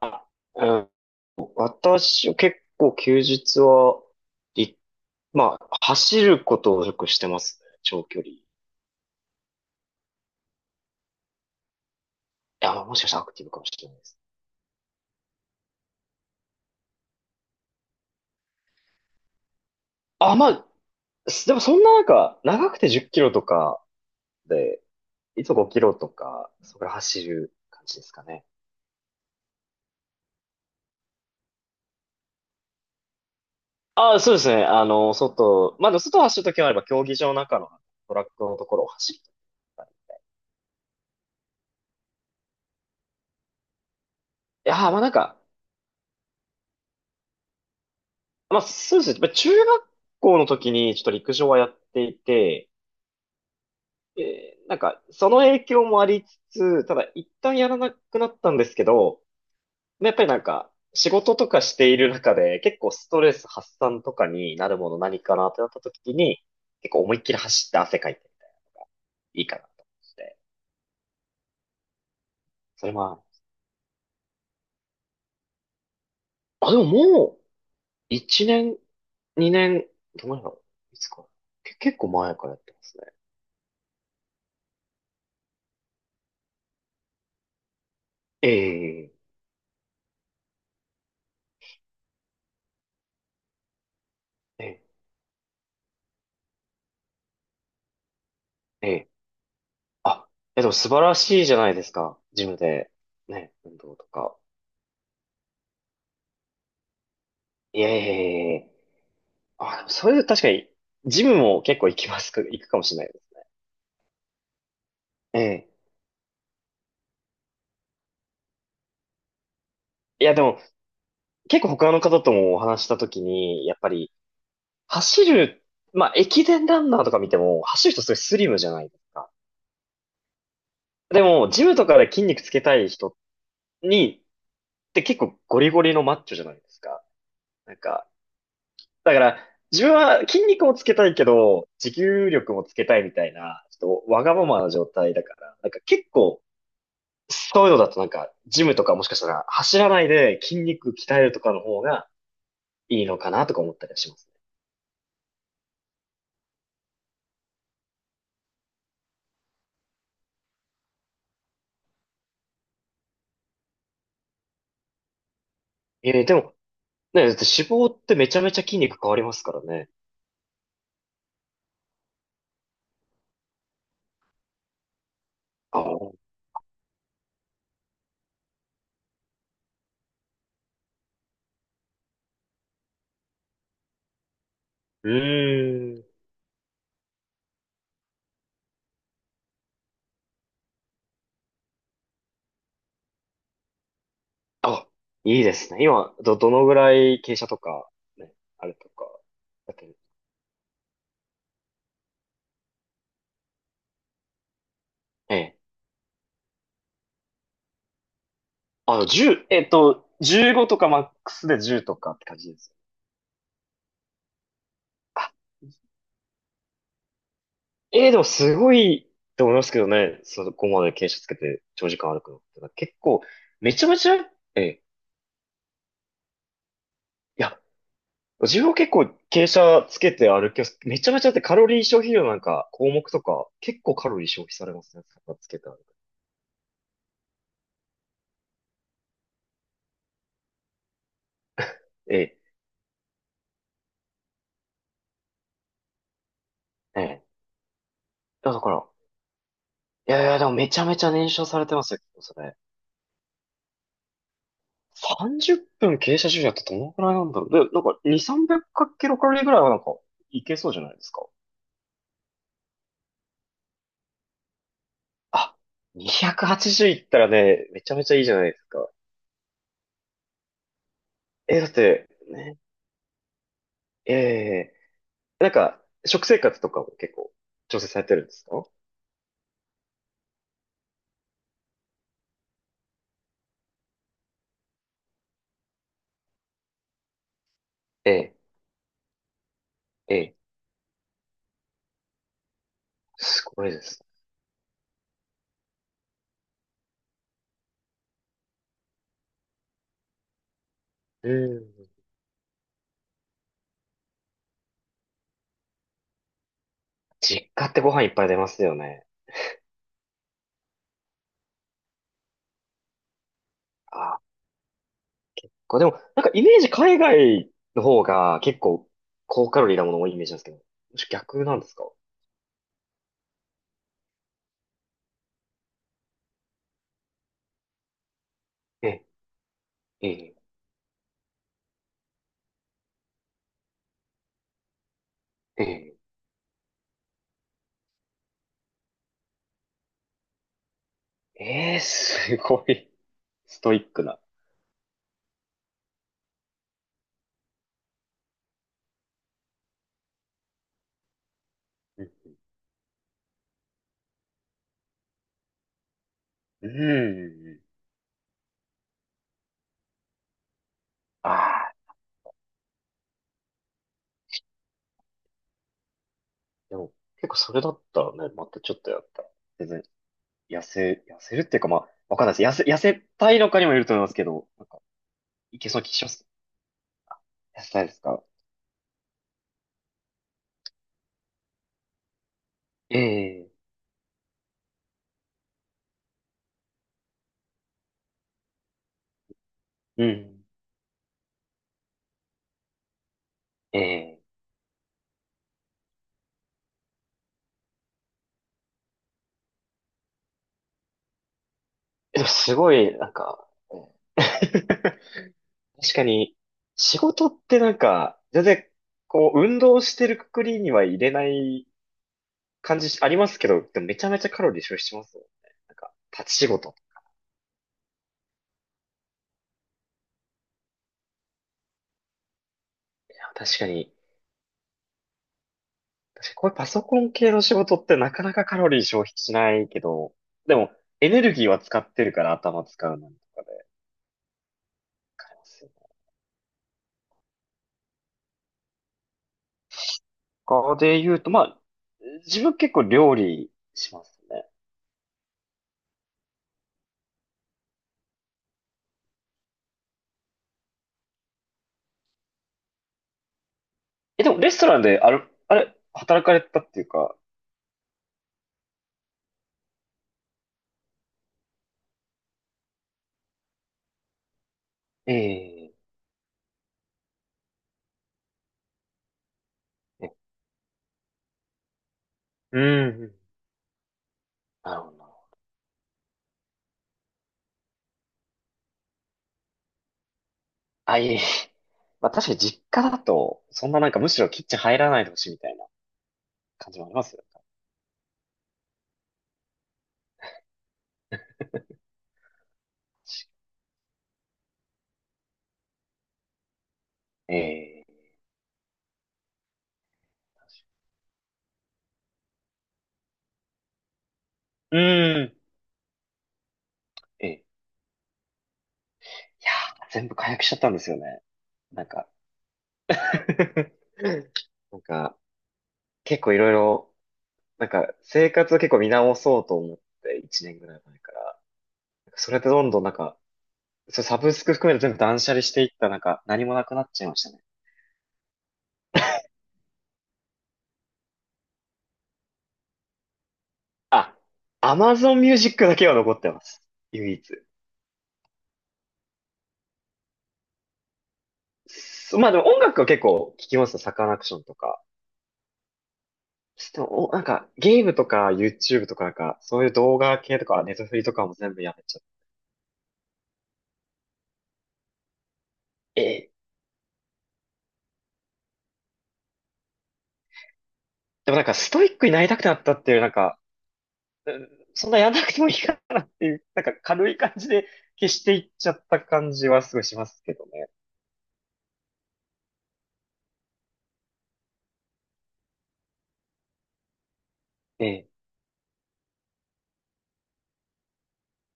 あうん私は結構休日は、い、まあ、走ることをよくしてますね。長距離。いや、まあもしかしたらアクティブかもしれないです。あ、まあ、すでもそんななんか、長くて10キロとかで、いつも5キロとか、それ走る感じですかね。あ、そうですね。あの、外、まあ、でも外を走るときもあれば、競技場の中のトラックのところを走るとか。いやー、まあなんか、まあそうですね。まあ中学校の時にちょっと陸上はやっていて、その影響もありつつ、ただ一旦やらなくなったんですけど、やっぱりなんか、仕事とかしている中で、結構ストレス発散とかになるもの何かなってなった時に、結構思いっきり走って汗かいていいかなと思って。それもある、あ、でももう、1年、2年、どのぐらいだろういつか。け、結構前からやってますね。ええええええあ、え、でも素晴らしいじゃないですか。ジムで、ね、運動とか。いえいえいえいえ。あ、でもそれ確かに、ジムも結構行きますか、行くかもしれないですねええ。いや、でも、結構他の方ともお話したときに、やっぱり、走る、まあ、駅伝ランナーとか見ても、走る人すごいスリムじゃないですか。でも、ジムとかで筋肉つけたい人に、って結構ゴリゴリのマッチョじゃないですか。なんか、だから、自分は筋肉もつけたいけど、持久力もつけたいみたいな、ちょっとわがままな状態だから、なんか結構、そういうのだとなんか、ジムとかもしかしたら走らないで筋肉鍛えるとかの方がいいのかなとか思ったりはしますね。えー、でも、ね、だって脂肪ってめちゃめちゃ筋肉変わりますからね。あ、うーん。あ、いいですね。今、ど、どのぐらい傾斜とか、ね、あれとか、だけど。ええ。あの、10、15とかマックスで10とかって感じです。あええでもすごいと思いますけどね。そこまで傾斜つけて長時間歩くのって。結構、めちゃめちゃ、ええいや、自分は結構傾斜つけて歩きます。めちゃめちゃだってカロリー消費量なんか項目とか、結構カロリー消費されますね。傾つけて歩く。ええええだから、いやいや、でもめちゃめちゃ燃焼されてますよ、それ。30分傾斜重視だったらどのくらいなんだろう。で、なんか2、300キロカロリーぐらいはなんかいけそうじゃないですか。あ、280いったらね、めちゃめちゃいいじゃないですか。え、だって、ね、ええなんか、食生活とかも結構調整されてるんですか？ええ、ええ、すごいです。うん。実家ってご飯いっぱい出ますよね。あ、これでも、なんかイメージ海外の方が結構高カロリーなもの多いイメージなんですけど、もし逆なんですか？ええ、ええ、ええ、ええすごいストイックな。うん。うん。ああ。でも、結構それだったらね、またちょっとやったら。全然、痩せ、痩せるっていうか、まあ、わかんないです。痩せ、痩せたいのかにもよると思いますけど、なんか、いけそうな気します。痩せたいですか？ええうん。ええでもすごい、なんか、うん 確かに、仕事ってなんか、全然、こう、運動してるくくりには入れない感じしありますけど、でもめちゃめちゃカロリー消費しますよね。なんか、立ち仕事。いや、確かに、確かにこういうパソコン系の仕事ってなかなかカロリー消費しないけど、でもエネルギーは使ってるから頭使うのにとかで買えますよね。他で言うと、まあ、自分結構料理しますね。え、でもレストランである、あれ、働かれたっていうか、えええうん、うんなるほどな。あ、いえいえ。まあ確かに実家だと、そんななんかむしろキッチン入らないでほしいみたいな感じもありますよね。ええうん。ええいやー、全部解約しちゃったんですよね。なんか、なんか、結構いろいろ、なんか、生活を結構見直そうと思って、1年ぐらい前から。それでどんどんなんか、それサブスク含めて全部断捨離していった、なんか、何もなくなっちゃいましたね。あ、Amazon Music だけは残ってます。唯一。そまあでも音楽は結構聞きますよ。サカナクションとか。でも、おなんか、ゲームとか YouTube とかなんか、そういう動画系とか、ネットフリとかも全部やめちゃって。ええでもなんか、ストイックになりたくなったっていう、なんか、うんそんなやんなくてもいいかなっていう、なんか軽い感じで消していっちゃった感じはすごいしますけどね。ええ。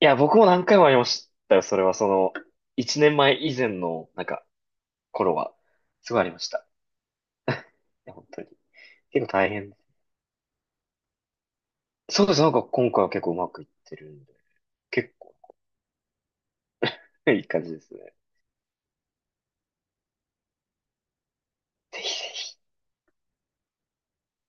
いや、僕も何回もありましたよ。それはその、1年前以前の、なんか、頃は、すごいありました。いや、本当に。結構大変。そうです。なんか今回は結構うまくいってるんで、結構ねいい感じですね。ぜひぜひ。